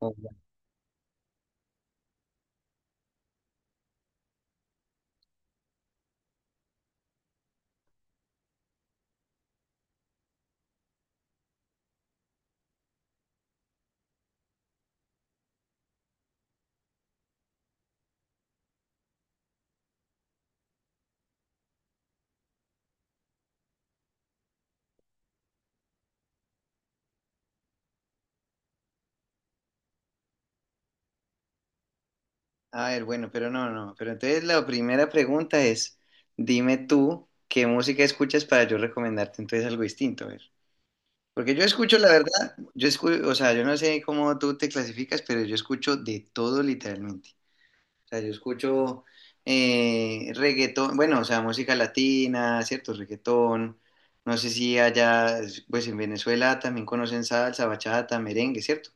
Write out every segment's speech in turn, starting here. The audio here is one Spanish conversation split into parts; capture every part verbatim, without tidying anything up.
Oh, ya. A ver, bueno, pero no, no. Pero entonces la primera pregunta es, dime tú qué música escuchas para yo recomendarte entonces algo distinto, a ver. Porque yo escucho, la verdad, yo escucho, o sea, yo no sé cómo tú te clasificas, pero yo escucho de todo literalmente. O sea, yo escucho eh, reggaetón, bueno, o sea, música latina, cierto, reggaetón. No sé si allá, pues en Venezuela también conocen salsa, bachata, merengue, ¿cierto?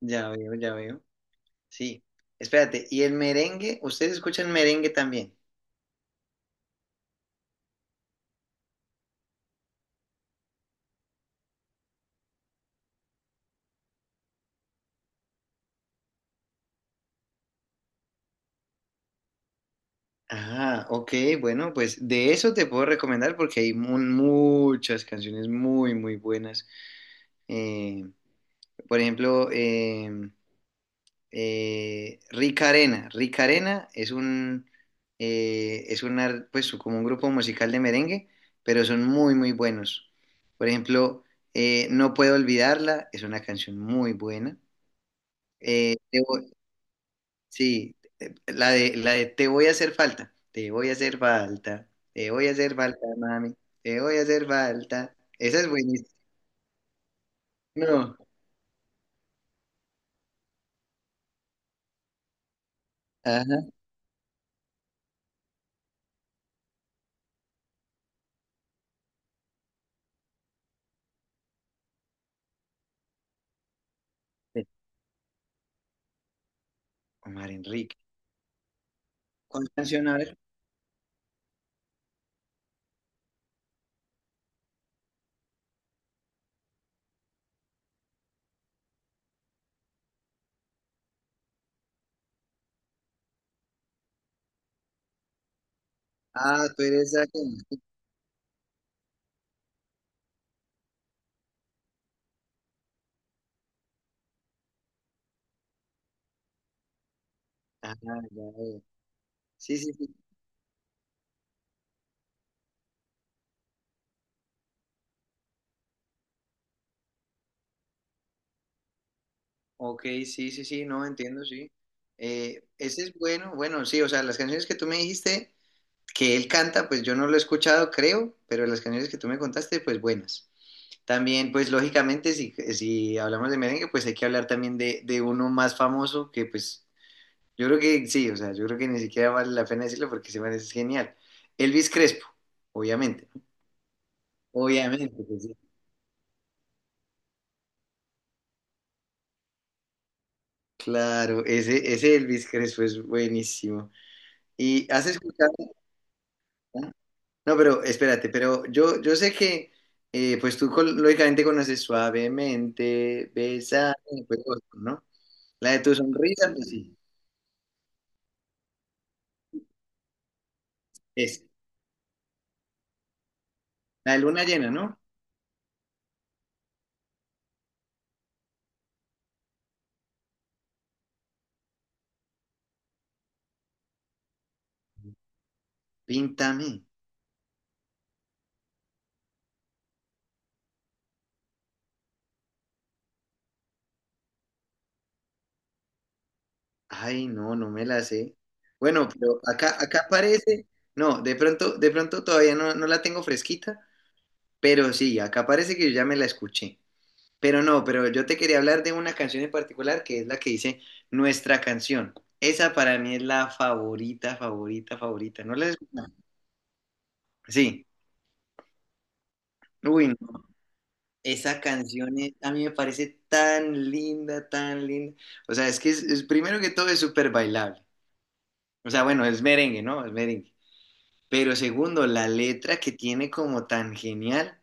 Ya veo, ya veo. Sí, espérate, ¿y el merengue? ¿Ustedes escuchan merengue también? Ah, ok, bueno, pues de eso te puedo recomendar porque hay mu- muchas canciones muy, muy buenas. Eh, por ejemplo, eh, eh, Rica Arena. Rica Arena es un, eh, es una, pues como un grupo musical de merengue, pero son muy, muy buenos. Por ejemplo, eh, No Puedo Olvidarla es una canción muy buena. Eh, debo, Sí, eh, la de, la de te voy a hacer falta, te voy a hacer falta, te voy a hacer falta, mami, te voy a hacer falta. Esa es buenísima. No. Ajá. De Omar Enrique. ¿Cuál canción? A ver. Ah, tú eres la. Ah, ya veo. Sí, sí, sí. Ok, sí, sí, sí, no, entiendo, sí. Eh, ese es bueno, bueno, sí, o sea, las canciones que tú me dijiste que él canta, pues yo no lo he escuchado, creo, pero las canciones que tú me contaste, pues buenas. También, pues lógicamente, si, si hablamos de merengue, pues hay que hablar también de, de uno más famoso que pues yo creo que sí, o sea, yo creo que ni siquiera vale la pena decirlo porque se man es genial. Elvis Crespo, obviamente, ¿no? Obviamente, pues, sí. Claro, ese, ese Elvis Crespo es buenísimo. ¿Y has escuchado? ¿Ah? No, pero espérate, pero yo, yo sé que eh, pues tú col- lógicamente conoces suavemente, besa, pues, ¿no? La de tu sonrisa, pues sí, es. La de luna llena, ¿no? Píntame. Ay, no, no me la sé. Bueno, pero acá, acá parece, no, de pronto, de pronto todavía no, no la tengo fresquita, pero sí, acá parece que yo ya me la escuché. Pero no, pero yo te quería hablar de una canción en particular que es la que dice Nuestra canción. Esa para mí es la favorita, favorita, favorita. ¿No la has escuchado? Sí. Uy, no. Esa canción es- a mí me parece tan linda, tan linda. O sea, es que es, es- primero que todo es súper bailable. O sea, bueno, es merengue, ¿no? Es merengue. Pero segundo, la letra que tiene como tan genial.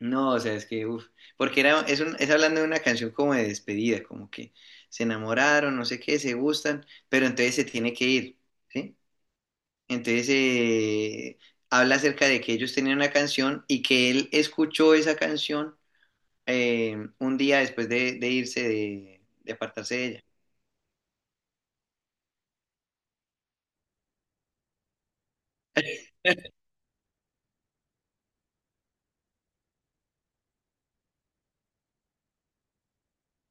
No, o sea, es que, uff, porque era, es, un- es hablando de una canción como de despedida, como que se enamoraron, no sé qué, se gustan, pero entonces se tiene que ir, ¿sí? Entonces eh, habla acerca de que ellos tenían una canción y que él escuchó esa canción eh, un día después de, de irse, de, de apartarse de ella.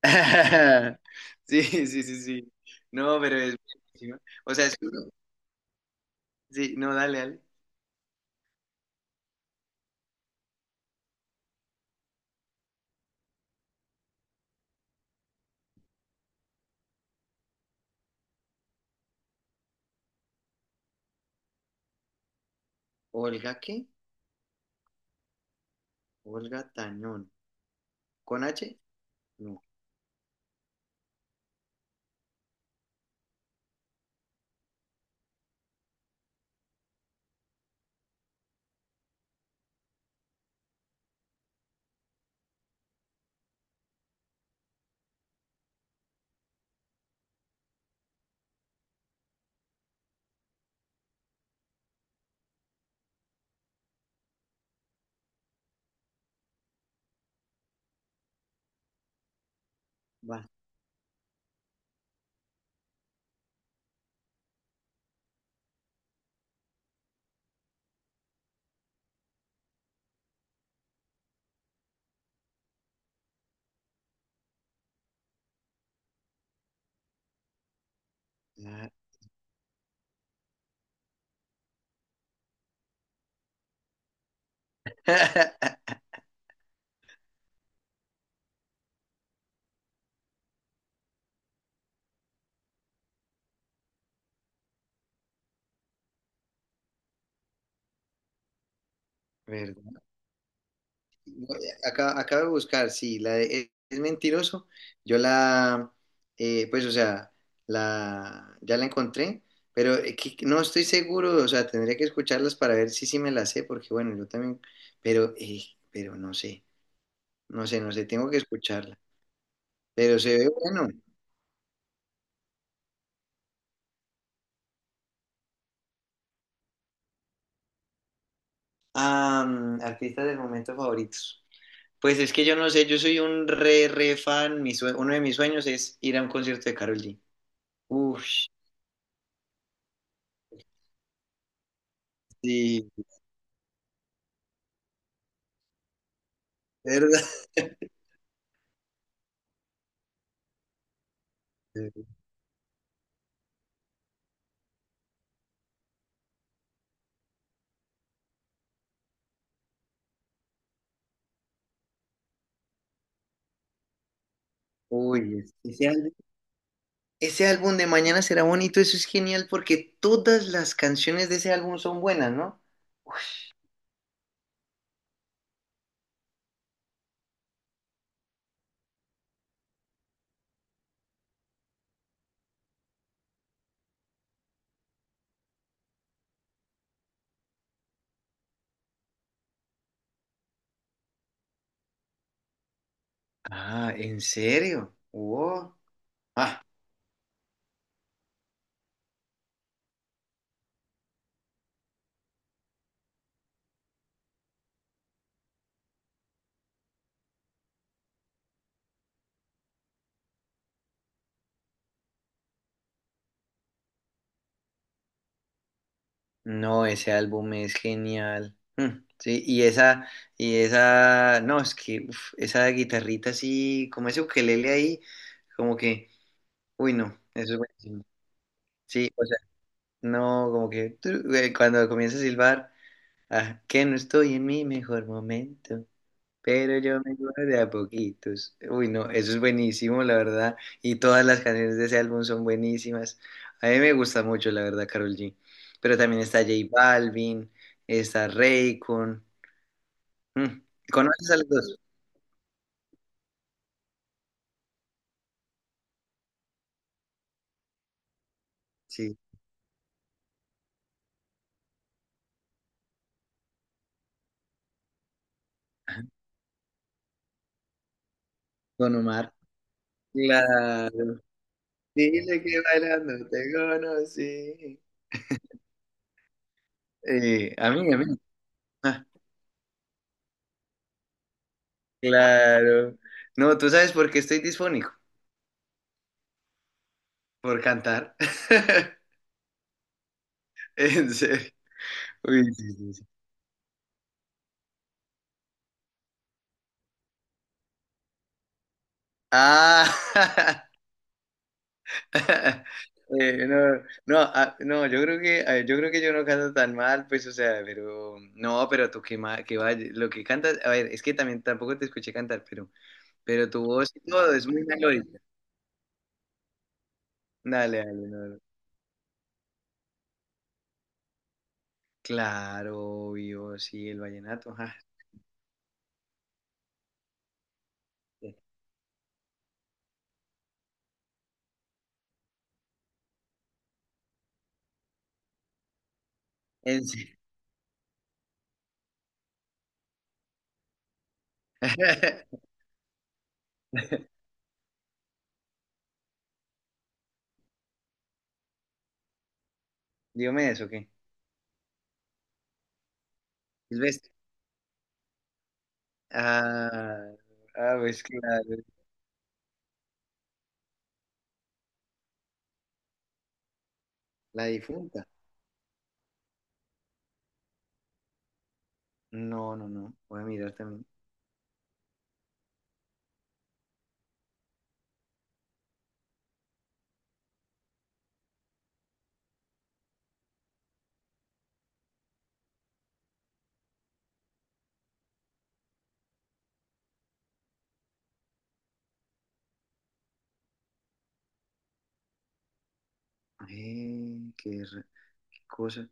Sí, sí, sí, sí. No, pero es... buenísimo. O sea, es... Sí, no, dale, dale. Olga, ¿qué? Olga Tañón. ¿Con H? No, va. ¿Verdad? No, eh, Acá, acabo de buscar, sí, la de e, Es Mentiroso. Yo la, eh, pues, o sea, la, ya la encontré, pero eh, que- no estoy seguro, o sea, tendría que escucharlas para ver si sí me la sé, porque bueno, yo también, pero, eh, pero no sé, no sé, no sé, tengo que escucharla, pero se ve bueno. Ah, mm, artistas del momento favoritos. Pues es que yo no sé, yo soy un re, re fan. Mi sue- uno de mis sueños es ir a un concierto de Karol G. Uf, sí, ¿verdad? Uy, ese álbum, ese álbum de Mañana será bonito, eso es genial porque todas las canciones de ese álbum son buenas, ¿no? Ah, ¿en serio? Wow. Ah, no, ese álbum es genial. Mm, sí, y esa, y esa, no, es que uf, esa guitarrita así, como ese ukelele ahí, como que. Uy, no, eso es buenísimo. Sí, o sea, no, como que tru- eh, cuando comienza a silbar, ah, que no estoy en mi mejor momento, pero yo me voy de a poquitos. Uy, no, eso es buenísimo, la verdad. Y todas las canciones de ese álbum son buenísimas. A mí me gusta mucho, la verdad, Karol G. Pero también está J Balvin, está Raycon. Mm, ¿conoces a los dos? Sí, con Omar. Claro. Dile que bailando te conocí. Eh, a mí, a mí. Ah, claro. No, ¿tú sabes por qué estoy disfónico? Por cantar. En serio. Uy, sí, sí, sí. Ah. Eh, no, no, ah, no, yo creo que, ah, yo creo que yo no canto tan mal, pues, o sea, pero, no, pero tú que, ma- que vaya, lo que cantas, a ver, es que también tampoco te escuché cantar, pero, pero tu voz y todo es muy melódica. Dale, dale, no, no. Claro, obvio, sí, el vallenato, ajá. Sí. En serio. Diomedes, ¿o qué? Silvestre. Ah, ah, pues claro, la difunta. No, no, no. Voy a mirar también. Eh, qué, ra- qué cosa.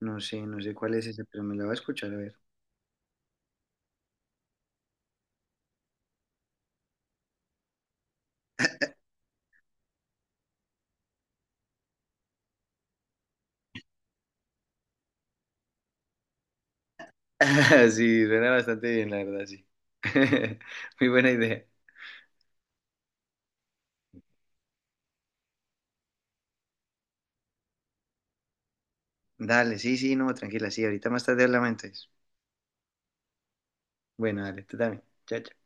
No sé, no sé cuál es esa pero me la voy a escuchar a ver. Sí, suena bastante bien, la verdad, sí. Muy buena idea. Dale, sí, sí, no, tranquila, sí. Ahorita más tarde hablamos entonces. Bueno, dale, tú también. Chao, chao.